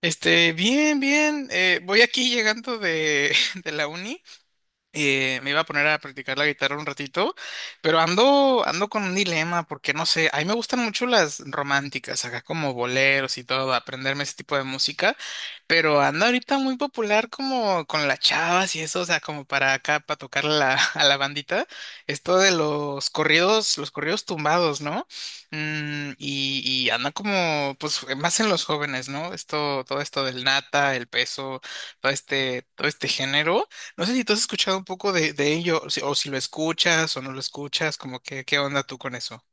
Bien, bien. Voy aquí llegando de, de la uni. Me iba a poner a practicar la guitarra un ratito, pero ando con un dilema porque no sé, a mí me gustan mucho las románticas, acá como boleros y todo, aprenderme ese tipo de música, pero ando ahorita muy popular como con las chavas y eso, o sea, como para acá, para tocar la, a la bandita, esto de los corridos tumbados, ¿no? Y anda como, pues, más en los jóvenes, ¿no? Todo esto del nata, el peso, todo este género. No sé si tú has escuchado un poco de ello, o si lo escuchas o no lo escuchas, como que, ¿qué onda tú con eso?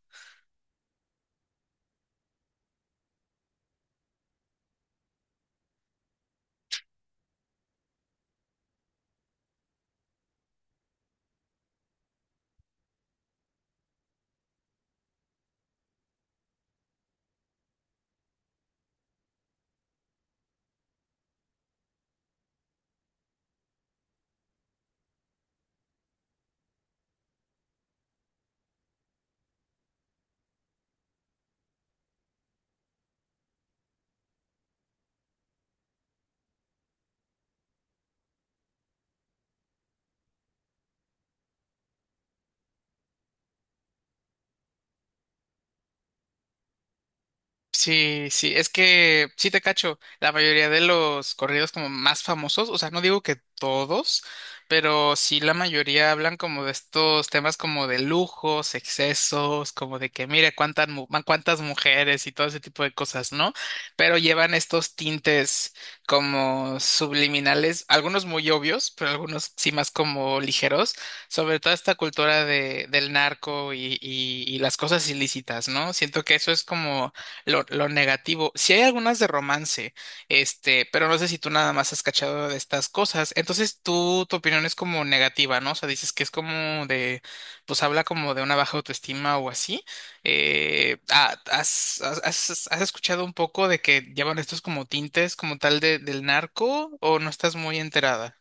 Sí, sí, es que sí te cacho, la mayoría de los corridos como más famosos, o sea, no digo que todos, pero sí la mayoría hablan como de estos temas como de lujos, excesos, como de que mire cuántas mujeres y todo ese tipo de cosas, ¿no? Pero llevan estos tintes como subliminales, algunos muy obvios, pero algunos sí más como ligeros, sobre toda esta cultura de del narco y las cosas ilícitas, ¿no? Siento que eso es como lo negativo. Si hay algunas de romance, pero no sé si tú nada más has cachado de estas cosas. Entonces, tu opinión es como negativa, ¿no? O sea, dices que es como de, pues habla como de una baja autoestima o así. Eh, ah, ¿has, has, has escuchado un poco de que llevan estos como tintes como tal de, del narco o no estás muy enterada?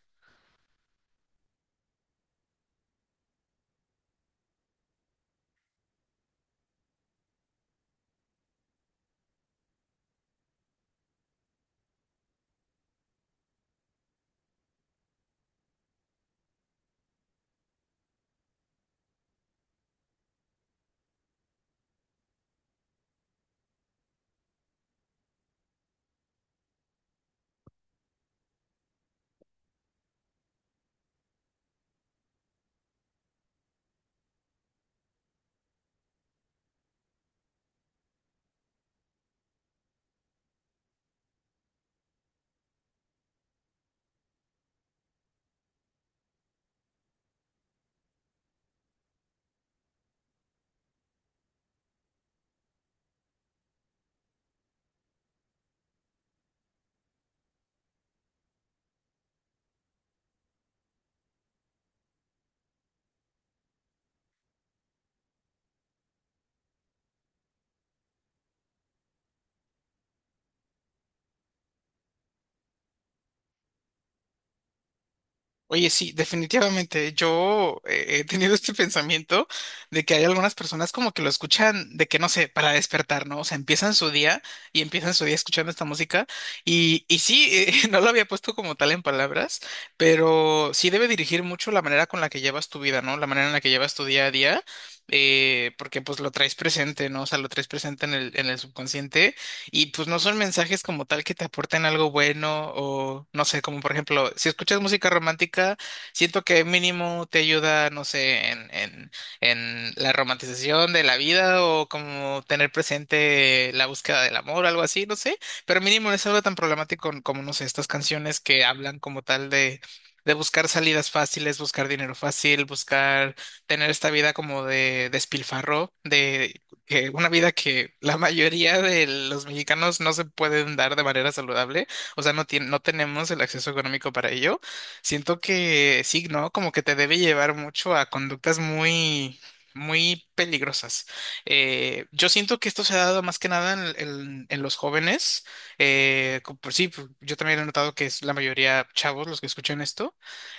Oye, sí, definitivamente. Yo he tenido este pensamiento de que hay algunas personas como que lo escuchan de que no sé, para despertar, ¿no? O sea, empiezan su día y empiezan su día escuchando esta música. Y sí, no lo había puesto como tal en palabras, pero sí debe dirigir mucho la manera con la que llevas tu vida, ¿no? La manera en la que llevas tu día a día, porque pues lo traes presente, ¿no? O sea, lo traes presente en el subconsciente y pues no son mensajes como tal que te aporten algo bueno o no sé, como por ejemplo, si escuchas música romántica, siento que mínimo te ayuda, no sé, en la romantización de la vida o como tener presente la búsqueda del amor, algo así, no sé, pero mínimo no es algo tan problemático como, no sé, estas canciones que hablan como tal de buscar salidas fáciles, buscar dinero fácil, buscar tener esta vida como de despilfarro, de, que una vida que la mayoría de los mexicanos no se pueden dar de manera saludable, o sea, no tenemos el acceso económico para ello. Siento que sí, ¿no? Como que te debe llevar mucho a conductas muy muy peligrosas. Yo siento que esto se ha dado más que nada en los jóvenes. Pues sí, pues yo también he notado que es la mayoría chavos los que escuchan esto,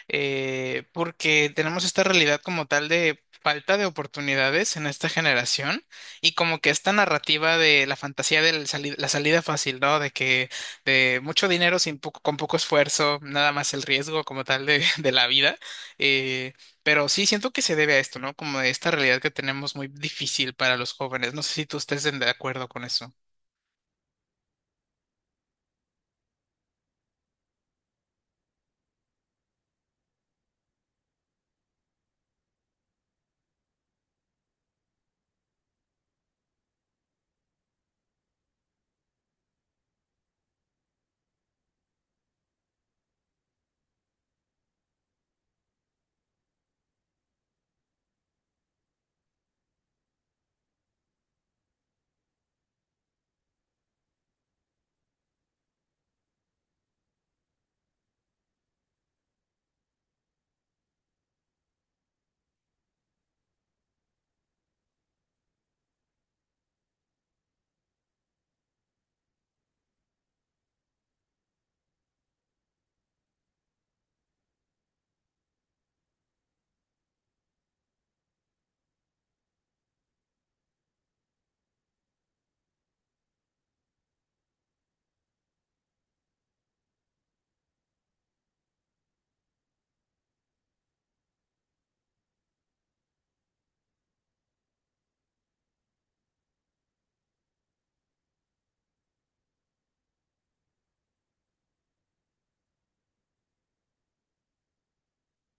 porque tenemos esta realidad como tal de falta de oportunidades en esta generación y como que esta narrativa de la fantasía de la salida fácil, ¿no? De que de mucho dinero sin poco, con poco esfuerzo, nada más el riesgo como tal de, de la vida. Eh, pero sí, siento que se debe a esto, ¿no? Como de esta realidad que tenemos muy difícil para los jóvenes. No sé si tú estés de acuerdo con eso.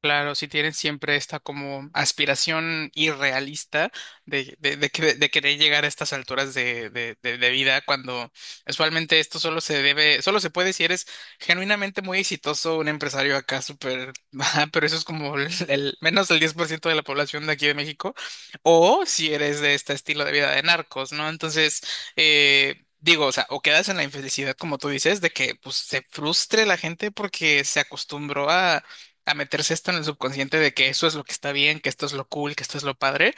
Claro, si tienen siempre esta como aspiración irrealista de querer llegar a estas alturas de vida, cuando usualmente esto solo se puede si eres genuinamente muy exitoso, un empresario acá súper, ajá, pero eso es como menos del 10% de la población de aquí de México, o si eres de este estilo de vida de narcos, ¿no? Entonces, digo, o sea, o quedas en la infelicidad, como tú dices, de que pues se frustre la gente porque se acostumbró a meterse esto en el subconsciente de que eso es lo que está bien, que esto es lo cool, que esto es lo padre,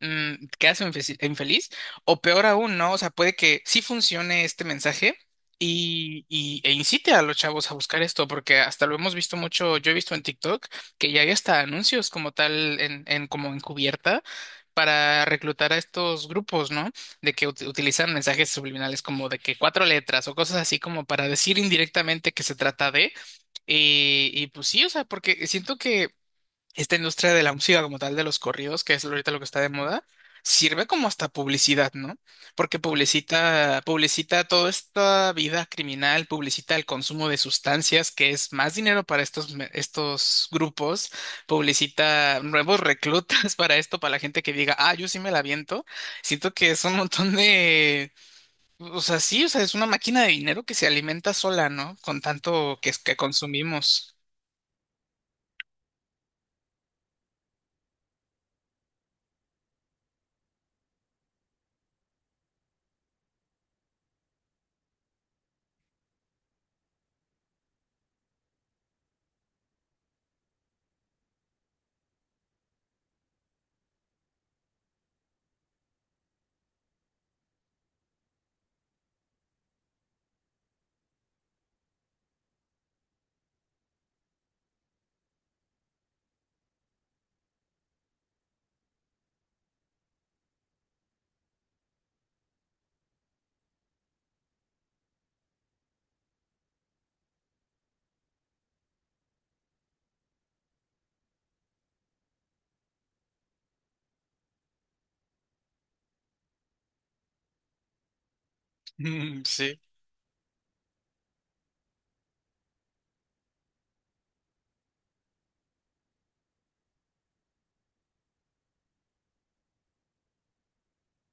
te quedas infeliz, infeliz. O peor aún, ¿no? O sea, puede que sí funcione este mensaje e incite a los chavos a buscar esto, porque hasta lo hemos visto mucho, yo he visto en TikTok que ya hay hasta anuncios como tal, en como encubierta para reclutar a estos grupos, ¿no? De que utilizan mensajes subliminales como de que cuatro letras o cosas así como para decir indirectamente que se trata de, y pues sí, o sea, porque siento que esta industria de la música como tal, de los corridos, que es ahorita lo que está de moda, sirve como hasta publicidad, ¿no? Porque publicita, publicita toda esta vida criminal, publicita el consumo de sustancias, que es más dinero para estos, estos grupos, publicita nuevos reclutas para esto, para la gente que diga, ah, yo sí me la viento. Siento que es un montón de... O sea, sí, o sea, es una máquina de dinero que se alimenta sola, ¿no? Con tanto que consumimos. Mm, sí.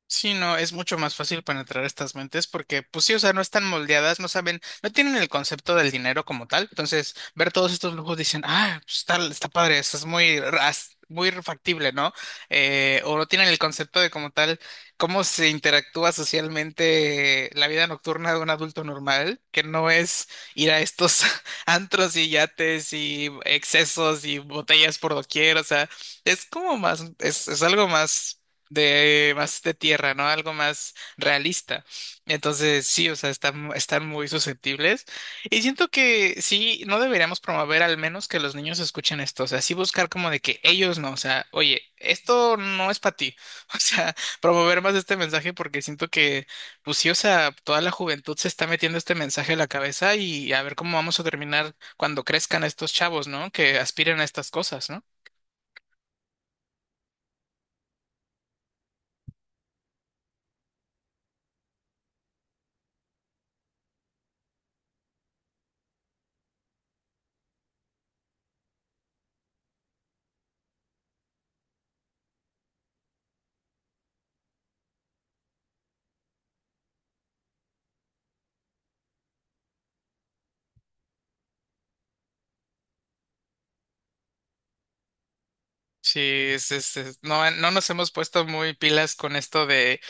Sí, no, es mucho más fácil penetrar estas mentes porque, pues sí, o sea, no están moldeadas, no saben, no tienen el concepto del dinero como tal. Entonces, ver todos estos lujos dicen, ah, pues está padre, eso es muy, muy factible, ¿no? O no tienen el concepto de como tal, cómo se interactúa socialmente la vida nocturna de un adulto normal, que no es ir a estos antros y yates y excesos y botellas por doquier, o sea, es como más, es algo más de más de tierra, ¿no? Algo más realista. Entonces, sí, o sea, están muy susceptibles. Y siento que sí, no deberíamos promover al menos que los niños escuchen esto. O sea, sí buscar como de que ellos no, o sea, oye, esto no es para ti. O sea, promover más este mensaje porque siento que, pues sí, o sea, toda la juventud se está metiendo este mensaje a la cabeza y a ver cómo vamos a terminar cuando crezcan estos chavos, ¿no? Que aspiren a estas cosas, ¿no? Sí, no, no nos hemos puesto muy pilas con esto de,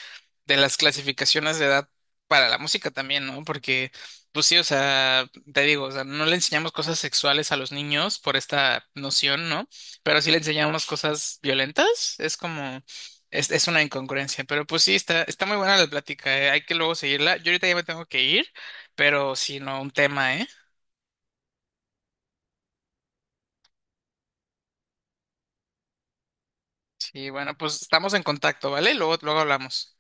de las clasificaciones de edad para la música también, ¿no? Porque, pues sí, o sea, te digo, o sea, no le enseñamos cosas sexuales a los niños por esta noción, ¿no? Pero sí le enseñamos cosas violentas, es como, es una incongruencia, pero pues sí, está muy buena la plática, ¿eh? Hay que luego seguirla. Yo ahorita ya me tengo que ir, pero sí, no, un tema, ¿eh? Sí, bueno, pues estamos en contacto, ¿vale? Luego, luego hablamos.